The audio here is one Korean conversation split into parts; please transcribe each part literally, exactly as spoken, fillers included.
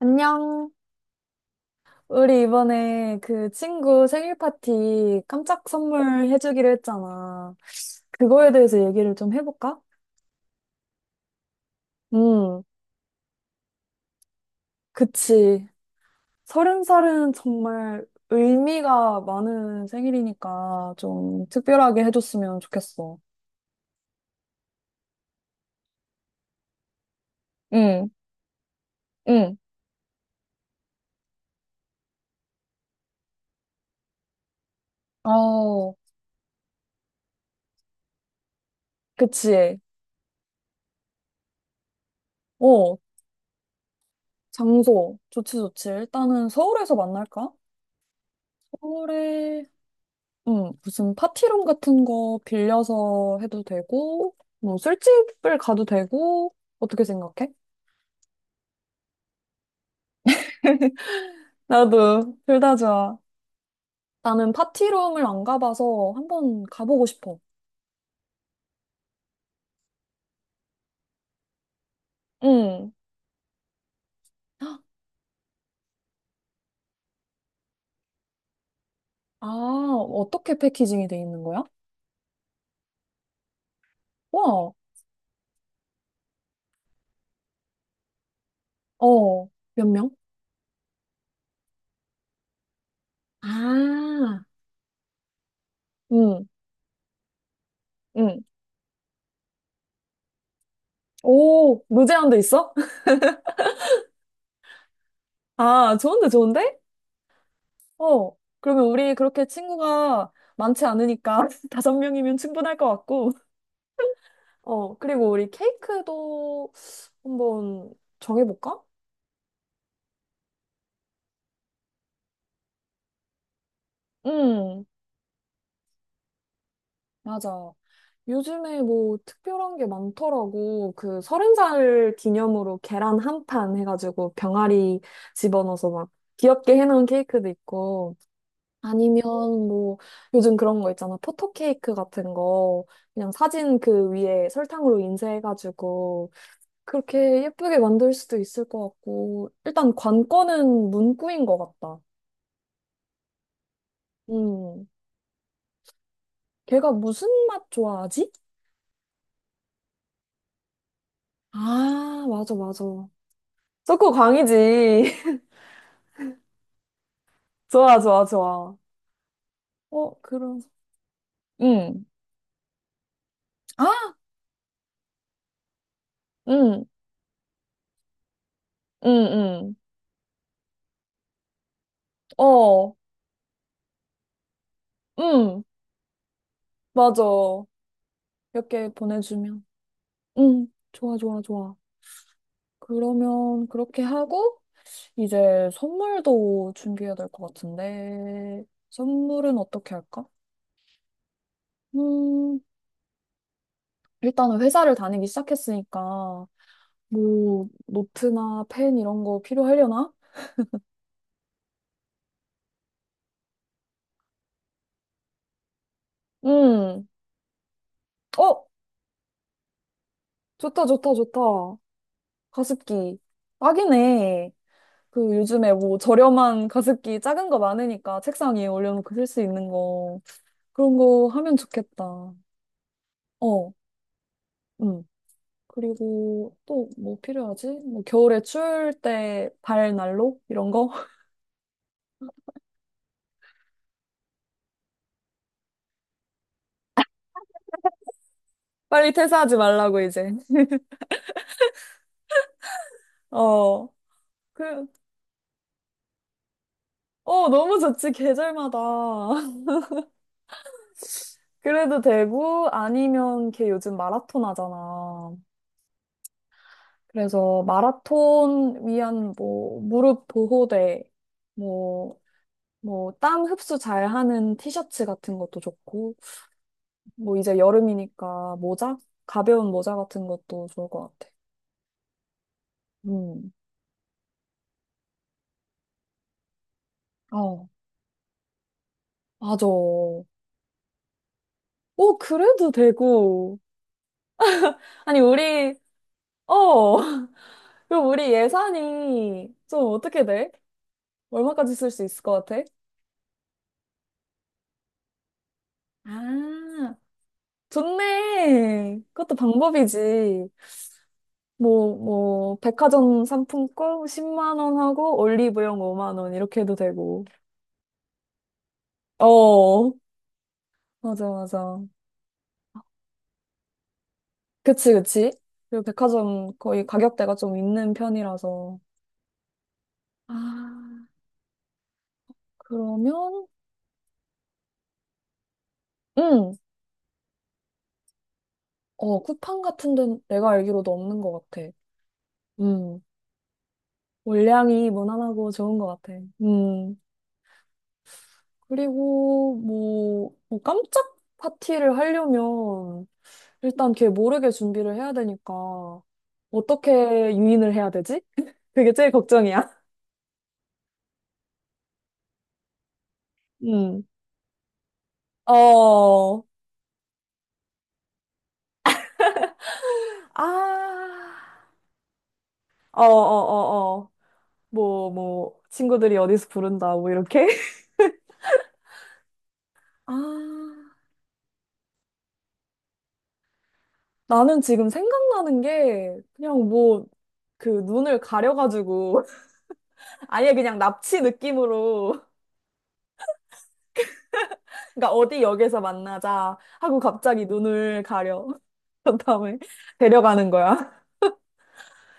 안녕. 우리 이번에 그 친구 생일 파티 깜짝 선물 해주기로 했잖아. 그거에 대해서 얘기를 좀 해볼까? 음, 그치. 서른 살은 정말 의미가 많은 생일이니까 좀 특별하게 해줬으면 좋겠어. 응, 응. 어, 그치. 어, 장소. 좋지, 좋지. 일단은 서울에서 만날까? 서울에 응, 무슨 파티룸 같은 거 빌려서 해도 되고, 뭐 술집을 가도 되고, 어떻게 생각해? 나도 둘 다 좋아. 나는 파티룸을 안 가봐서 한번 가보고 싶어. 응. 아, 어떻게 패키징이 돼 있는 거야? 와, 어, 몇 명? 아, 응, 응. 오, 무제한도 있어? 아, 좋은데, 좋은데? 어, 그러면 우리 그렇게 친구가 많지 않으니까 다섯 명이면 충분할 것 같고. 어, 그리고 우리 케이크도 한번 정해볼까? 응, 맞아. 요즘에 뭐 특별한 게 많더라고. 그 서른 살 기념으로 계란 한 판 해가지고 병아리 집어넣어서 막 귀엽게 해놓은 케이크도 있고. 아니면 뭐 요즘 그런 거 있잖아. 포토 케이크 같은 거. 그냥 사진 그 위에 설탕으로 인쇄해가지고 그렇게 예쁘게 만들 수도 있을 것 같고. 일단 관건은 문구인 것 같다. 음. 걔가 무슨 맛 좋아하지? 아, 맞아, 맞아. 초코 광이지. 좋아, 좋아, 좋아. 어, 그런. 응. 아, 응, 응, 응. 어, 응. 맞아. 몇 개 보내주면. 응. 좋아, 좋아, 좋아. 그러면 그렇게 하고, 이제 선물도 준비해야 될 것 같은데, 선물은 어떻게 할까? 음, 일단은 회사를 다니기 시작했으니까, 뭐, 노트나 펜 이런 거 필요하려나? 음. 어, 좋다, 좋다, 좋다. 가습기. 딱이네. 그 요즘에 뭐 저렴한 가습기 작은 거 많으니까 책상 위에 올려놓고 쓸 수 있는 거. 그런 거 하면 좋겠다. 어, 음. 그리고 또 뭐 필요하지? 뭐 겨울에 추울 때 발난로? 이런 거? 빨리 퇴사하지 말라고 이제. 어. 그, 어, 너무 좋지, 계절마다. 그래도 되고, 아니면 걔 요즘 마라톤 하잖아. 그래서 마라톤 위한 뭐 무릎 보호대, 뭐, 뭐 땀 흡수 잘하는 티셔츠 같은 것도 좋고, 뭐 이제 여름이니까 모자? 가벼운 모자 같은 것도 좋을 것 같아. 음, 어, 맞아. 오, 그래도 되고. 아니, 우리, 어, 그럼 우리 예산이 좀 어떻게 돼? 얼마까지 쓸 수 있을 것 같아? 아, 좋네. 그것도 방법이지. 뭐, 뭐, 백화점 상품권 십만 원 하고 올리브영 오만 원 이렇게 해도 되고. 어, 맞아, 맞아. 그치, 그치. 그리고 백화점 거의 가격대가 좀 있는 편이라서. 아, 그러면, 음, 어, 쿠팡 같은 데는 내가 알기로도 없는 것 같아. 음, 물량이 무난하고 좋은 것 같아. 음, 그리고 뭐, 뭐 깜짝 파티를 하려면 일단 걔 모르게 준비를 해야 되니까 어떻게 유인을 해야 되지? 그게 제일 걱정이야. 음. 어. 아. 어, 어, 어, 어. 뭐, 뭐, 친구들이 어디서 부른다, 뭐, 이렇게. 아. 나는 지금 생각나는 게, 그냥 뭐, 그 눈을 가려가지고, 아예 그냥 납치 느낌으로, 그러니까 어디 역에서 만나자 하고 갑자기 눈을 가려. 그 다음에 데려가는 거야.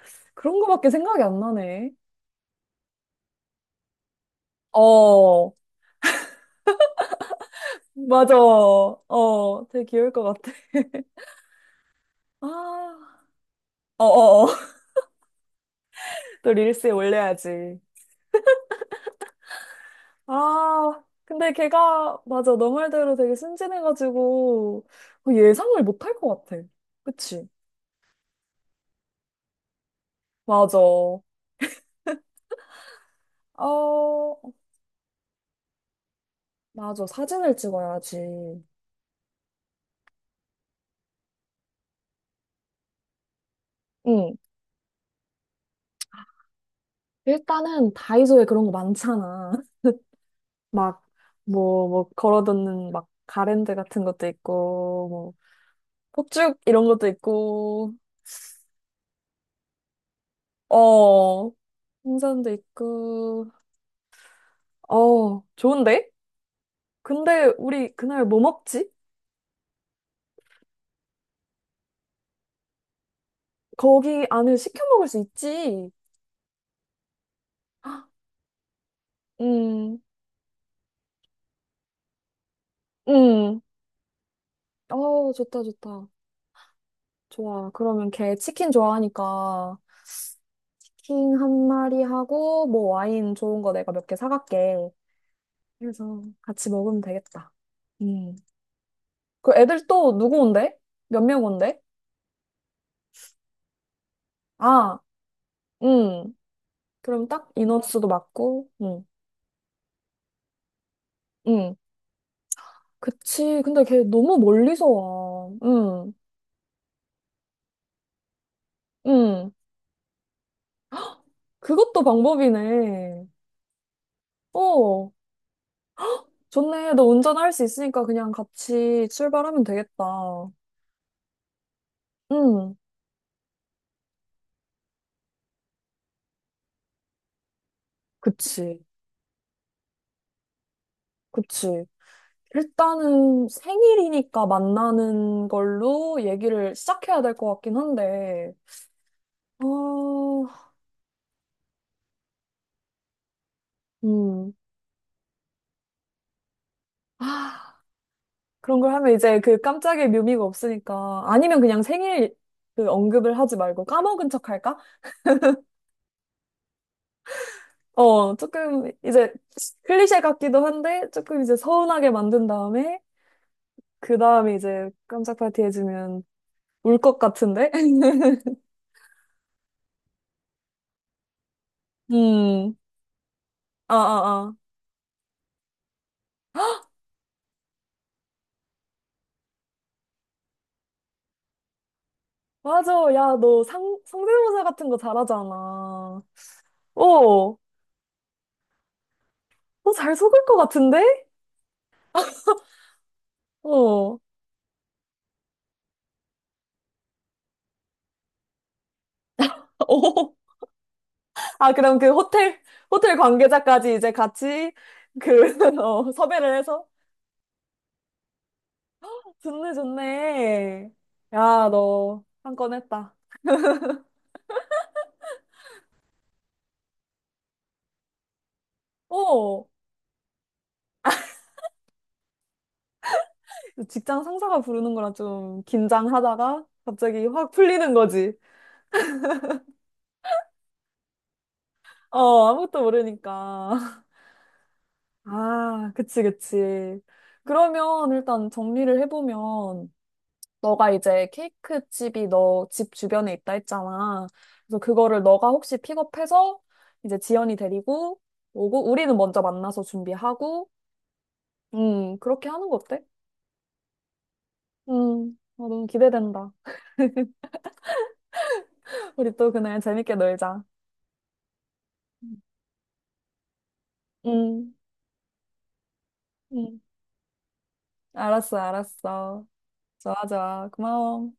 그런 거밖에 생각이 안 나네. 어, 맞아. 어, 되게 귀여울 것 같아. 아, 어어어. 또 릴스에 올려야지. 아, 근데 걔가, 맞아. 너 말대로 되게 순진해가지고 어, 예상을 못할 것 같아. 그치? 맞아. 어, 맞아. 사진을 찍어야지. 응. 일단은 다이소에 그런 거 많잖아. 막, 뭐, 뭐, 걸어뒀는 막 가랜드 같은 것도 있고, 뭐, 폭죽 이런 것도 있고, 어, 홍선도 있고, 어, 좋은데? 근데 우리 그날 뭐 먹지? 거기 안에 시켜 먹을 수 있지. 음, 음. 어, 좋다, 좋다. 좋아. 그러면 걔 치킨 좋아하니까 치킨 한 마리 하고, 뭐 와인 좋은 거 내가 몇 개 사갈게. 그래서 같이 먹으면 되겠다. 음. 그 애들 또 누구 온대? 몇 명 온대? 아, 음. 그럼 딱 인원수도 맞고, 음. 음. 그치. 근데 걔 너무 멀리서 와. 응, 응. 그것도 방법이네. 어, 좋네. 너 운전할 수 있으니까 그냥 같이 출발하면 되겠다. 응, 그치. 그치. 일단은 생일이니까 만나는 걸로 얘기를 시작해야 될 것 같긴 한데, 어, 음. 아, 그런 걸 하면 이제 그 깜짝의 묘미가 없으니까. 아니면 그냥 생일 그 언급을 하지 말고 까먹은 척 할까? 어, 조금 이제 클리셰 같기도 한데 조금 이제 서운하게 만든 다음에 그 다음에 이제 깜짝 파티 해주면 울 것 같은데? 음, 아, 아, 아. 맞아. 야, 너 상, 성대모사 같은 거 잘하잖아. 오! 너 잘 속을 것 같은데? 어. 오 아, 그럼 그 호텔, 호텔 관계자까지 이제 같이 그, 어, 섭외를 해서? 좋네, 좋네. 야, 너 한 건 했다. 오! 직장 상사가 부르는 거라 좀 긴장하다가 갑자기 확 풀리는 거지. 어, 아무것도 모르니까. 아, 그치, 그치. 그러면 일단 정리를 해보면, 너가 이제 케이크 집이 너 집 주변에 있다 했잖아. 그래서 그거를 너가 혹시 픽업해서 이제 지연이 데리고 오고, 우리는 먼저 만나서 준비하고, 음, 그렇게 하는 거 어때? 음, 어, 너무 기대된다. 우리 또 그날 재밌게 놀자. 음, 음. 음. 알았어, 알았어. 좋아, 좋아. 고마워.